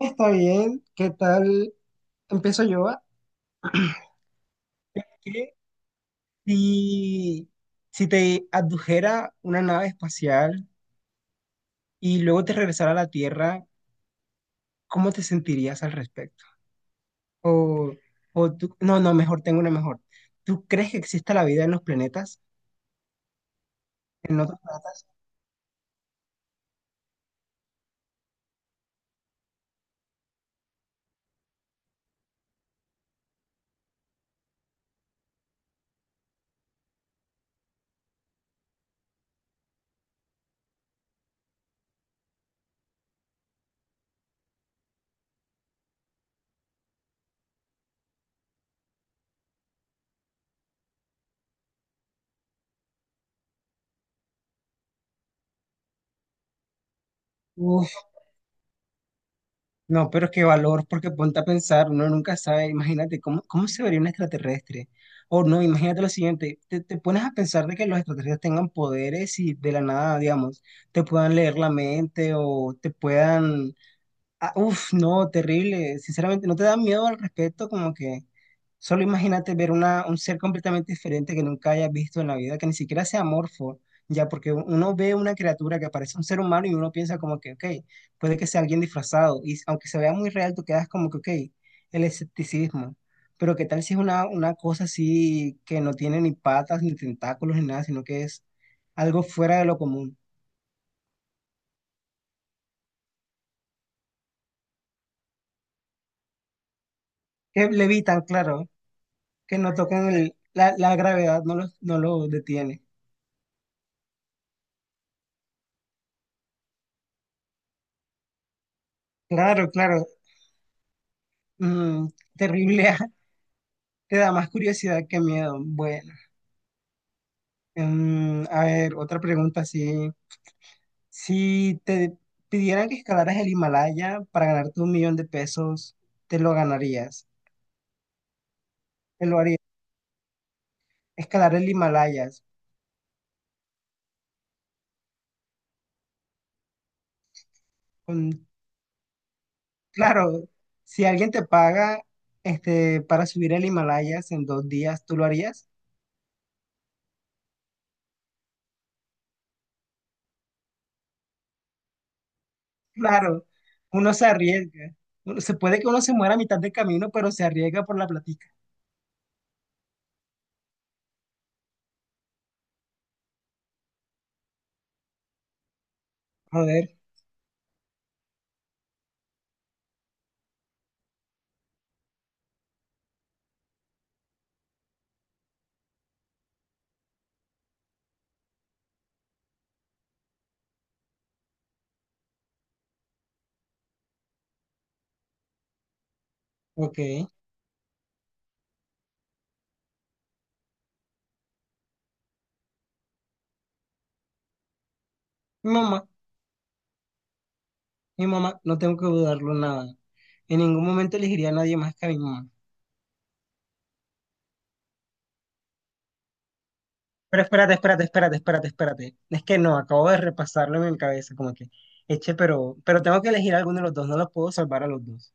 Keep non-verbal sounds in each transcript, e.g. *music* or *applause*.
Está bien, ¿qué tal? Empiezo yo. ¿Va? ¿Qué si, si te adujera una nave espacial y luego te regresara a la Tierra, ¿cómo te sentirías al respecto? O, o tú, no, no, mejor, tengo una mejor. ¿Tú crees que exista la vida en los planetas, en otros planetas? No, pero qué valor, porque ponte a pensar, uno nunca sabe, imagínate cómo se vería un extraterrestre. O no, imagínate lo siguiente, te pones a pensar de que los extraterrestres tengan poderes y de la nada, digamos, te puedan leer la mente o te puedan. Ah, uf, no, terrible. Sinceramente, ¿no te da miedo al respecto? Como que solo imagínate ver un ser completamente diferente que nunca hayas visto en la vida, que ni siquiera sea amorfo, ya, porque uno ve una criatura que parece un ser humano y uno piensa como que, ok, puede que sea alguien disfrazado. Y aunque se vea muy real, tú quedas como que, ok, el escepticismo. Pero ¿qué tal si es una cosa así que no tiene ni patas, ni tentáculos, ni nada, sino que es algo fuera de lo común? Que levitan, claro. Que no tocan la gravedad, no los detiene. Claro, claro. Mm, terrible, *laughs* te da más curiosidad que miedo. Bueno, a ver, otra pregunta, si te pidieran que escalaras el Himalaya para ganarte 1 millón de pesos, ¿te lo ganarías? ¿Te lo harías? Escalar el Himalaya. con- claro, si alguien te paga este, para subir el Himalaya en 2 días, ¿tú lo harías? Claro, uno se arriesga. Se puede que uno se muera a mitad de camino, pero se arriesga por la platica. A ver, ok. Mamá, mi mamá, no tengo que dudarlo nada. En ningún momento elegiría a nadie más que a mi mamá. Pero espérate, espérate, espérate, espérate, espérate. Es que no, acabo de repasarlo en mi cabeza, como que, eche, pero tengo que elegir a alguno de los dos, no los puedo salvar a los dos.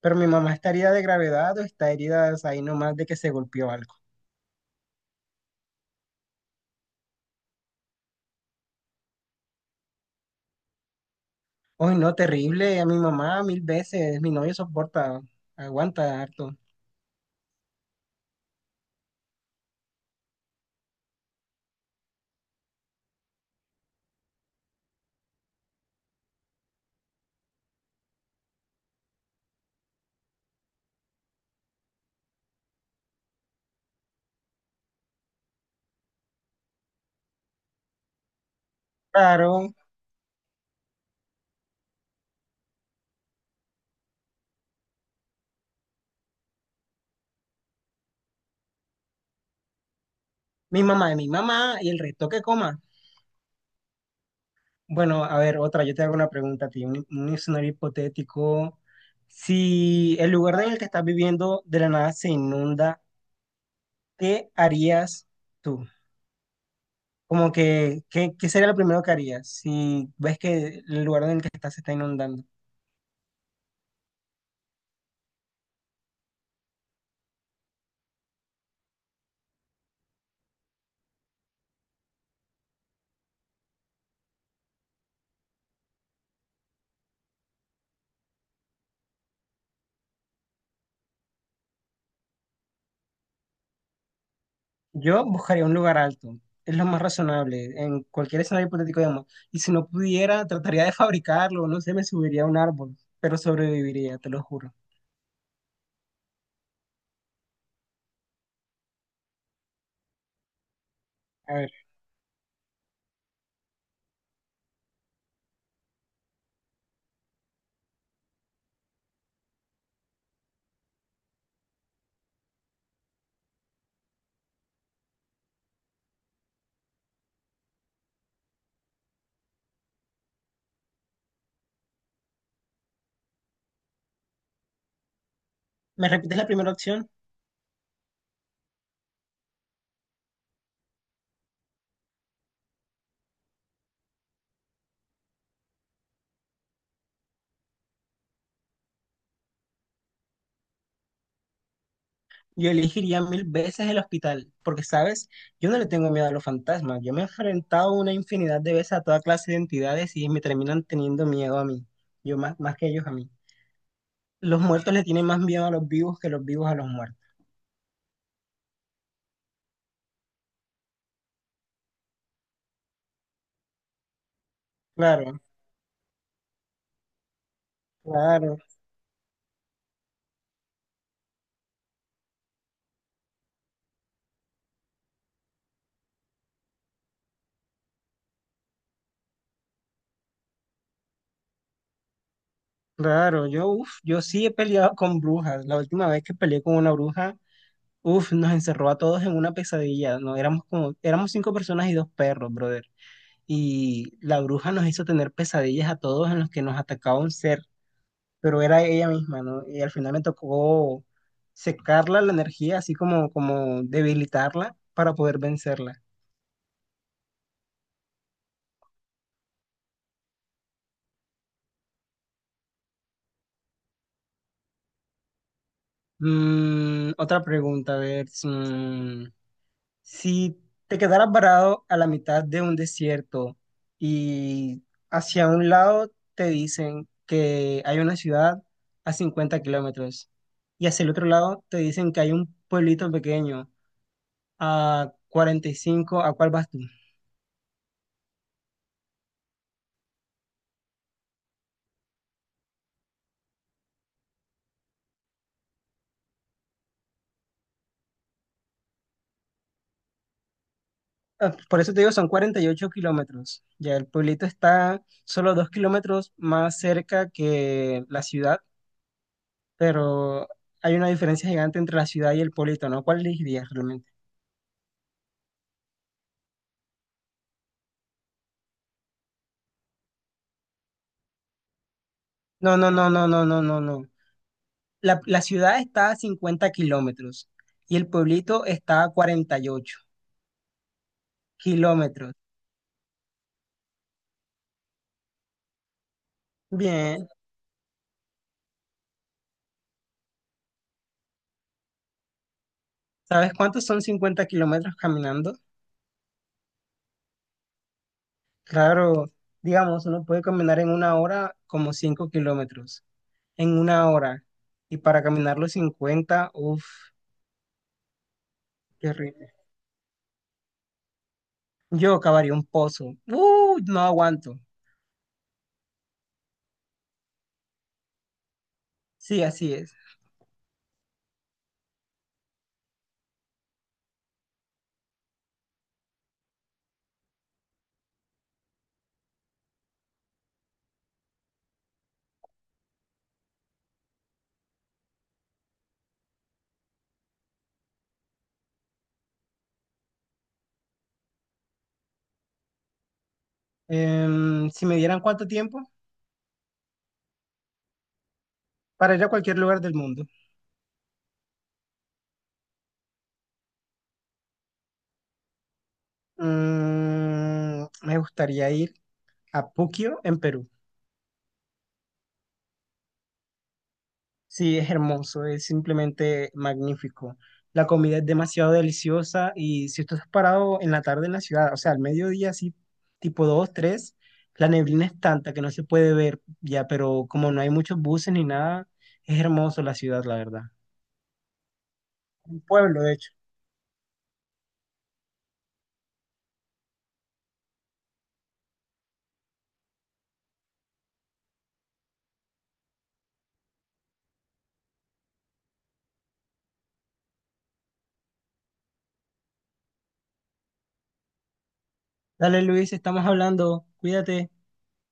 Pero mi mamá está herida de gravedad o está herida o sea, ahí nomás de que se golpeó algo. Ay, no, terrible, a mi mamá mil veces, mi novio soporta, aguanta harto. Claro, mi mamá es mi mamá y el resto que coma. Bueno, a ver, otra, yo te hago una pregunta a ti, un escenario hipotético. Si el lugar en el que estás viviendo de la nada se inunda, ¿qué harías tú? Como que, ¿qué sería lo primero que harías si ves que el lugar en el que estás se está inundando? Yo buscaría un lugar alto, es lo más razonable, en cualquier escenario hipotético, digamos. Y si no pudiera, trataría de *laughs* fabricarlo, no sé, me subiría a un árbol, pero sobreviviría, te lo juro. ¿Me repites la primera opción? Yo elegiría mil veces el hospital, porque, ¿sabes? Yo no le tengo miedo a los fantasmas. Yo me he enfrentado una infinidad de veces a toda clase de entidades y me terminan teniendo miedo a mí. Yo más, más que ellos a mí. Los muertos le tienen más miedo a los vivos que los vivos a los muertos. Claro, claro, claro. Yo, uf, yo sí he peleado con brujas. La última vez que peleé con una bruja, uf, nos encerró a todos en una pesadilla. No, éramos cinco personas y dos perros, brother. Y la bruja nos hizo tener pesadillas a todos en los que nos atacaba un ser, pero era ella misma, ¿no? Y al final me tocó secarla la energía, así como debilitarla para poder vencerla. Otra pregunta, a ver, si te quedaras varado a la mitad de un desierto y hacia un lado te dicen que hay una ciudad a 50 kilómetros y hacia el otro lado te dicen que hay un pueblito pequeño a 45. ¿A cuál vas tú? Ah, por eso te digo, son 48 kilómetros. Ya el pueblito está solo 2 kilómetros más cerca que la ciudad, pero hay una diferencia gigante entre la ciudad y el pueblito, ¿no? ¿Cuál elegirías realmente? No, no, no, no, no, no, no, no. La ciudad está a 50 kilómetros y el pueblito está a 48 kilómetros. Bien, ¿sabes cuántos son 50 kilómetros caminando? Claro, digamos, uno puede caminar en una hora como 5 kilómetros, en una hora. Y para caminar los 50 uff, qué rico. Yo cavaría un pozo. No aguanto. Sí, así es. Si me dieran cuánto tiempo para ir a cualquier lugar del mundo. Me gustaría ir a Puquio, en Perú. Sí, es hermoso, es simplemente magnífico. La comida es demasiado deliciosa y si tú estás parado en la tarde en la ciudad, o sea, al mediodía, así tipo 2, 3, la neblina es tanta que no se puede ver ya, pero como no hay muchos buses ni nada, es hermoso la ciudad, la verdad. Un pueblo, de hecho. Dale, Luis, estamos hablando. Cuídate.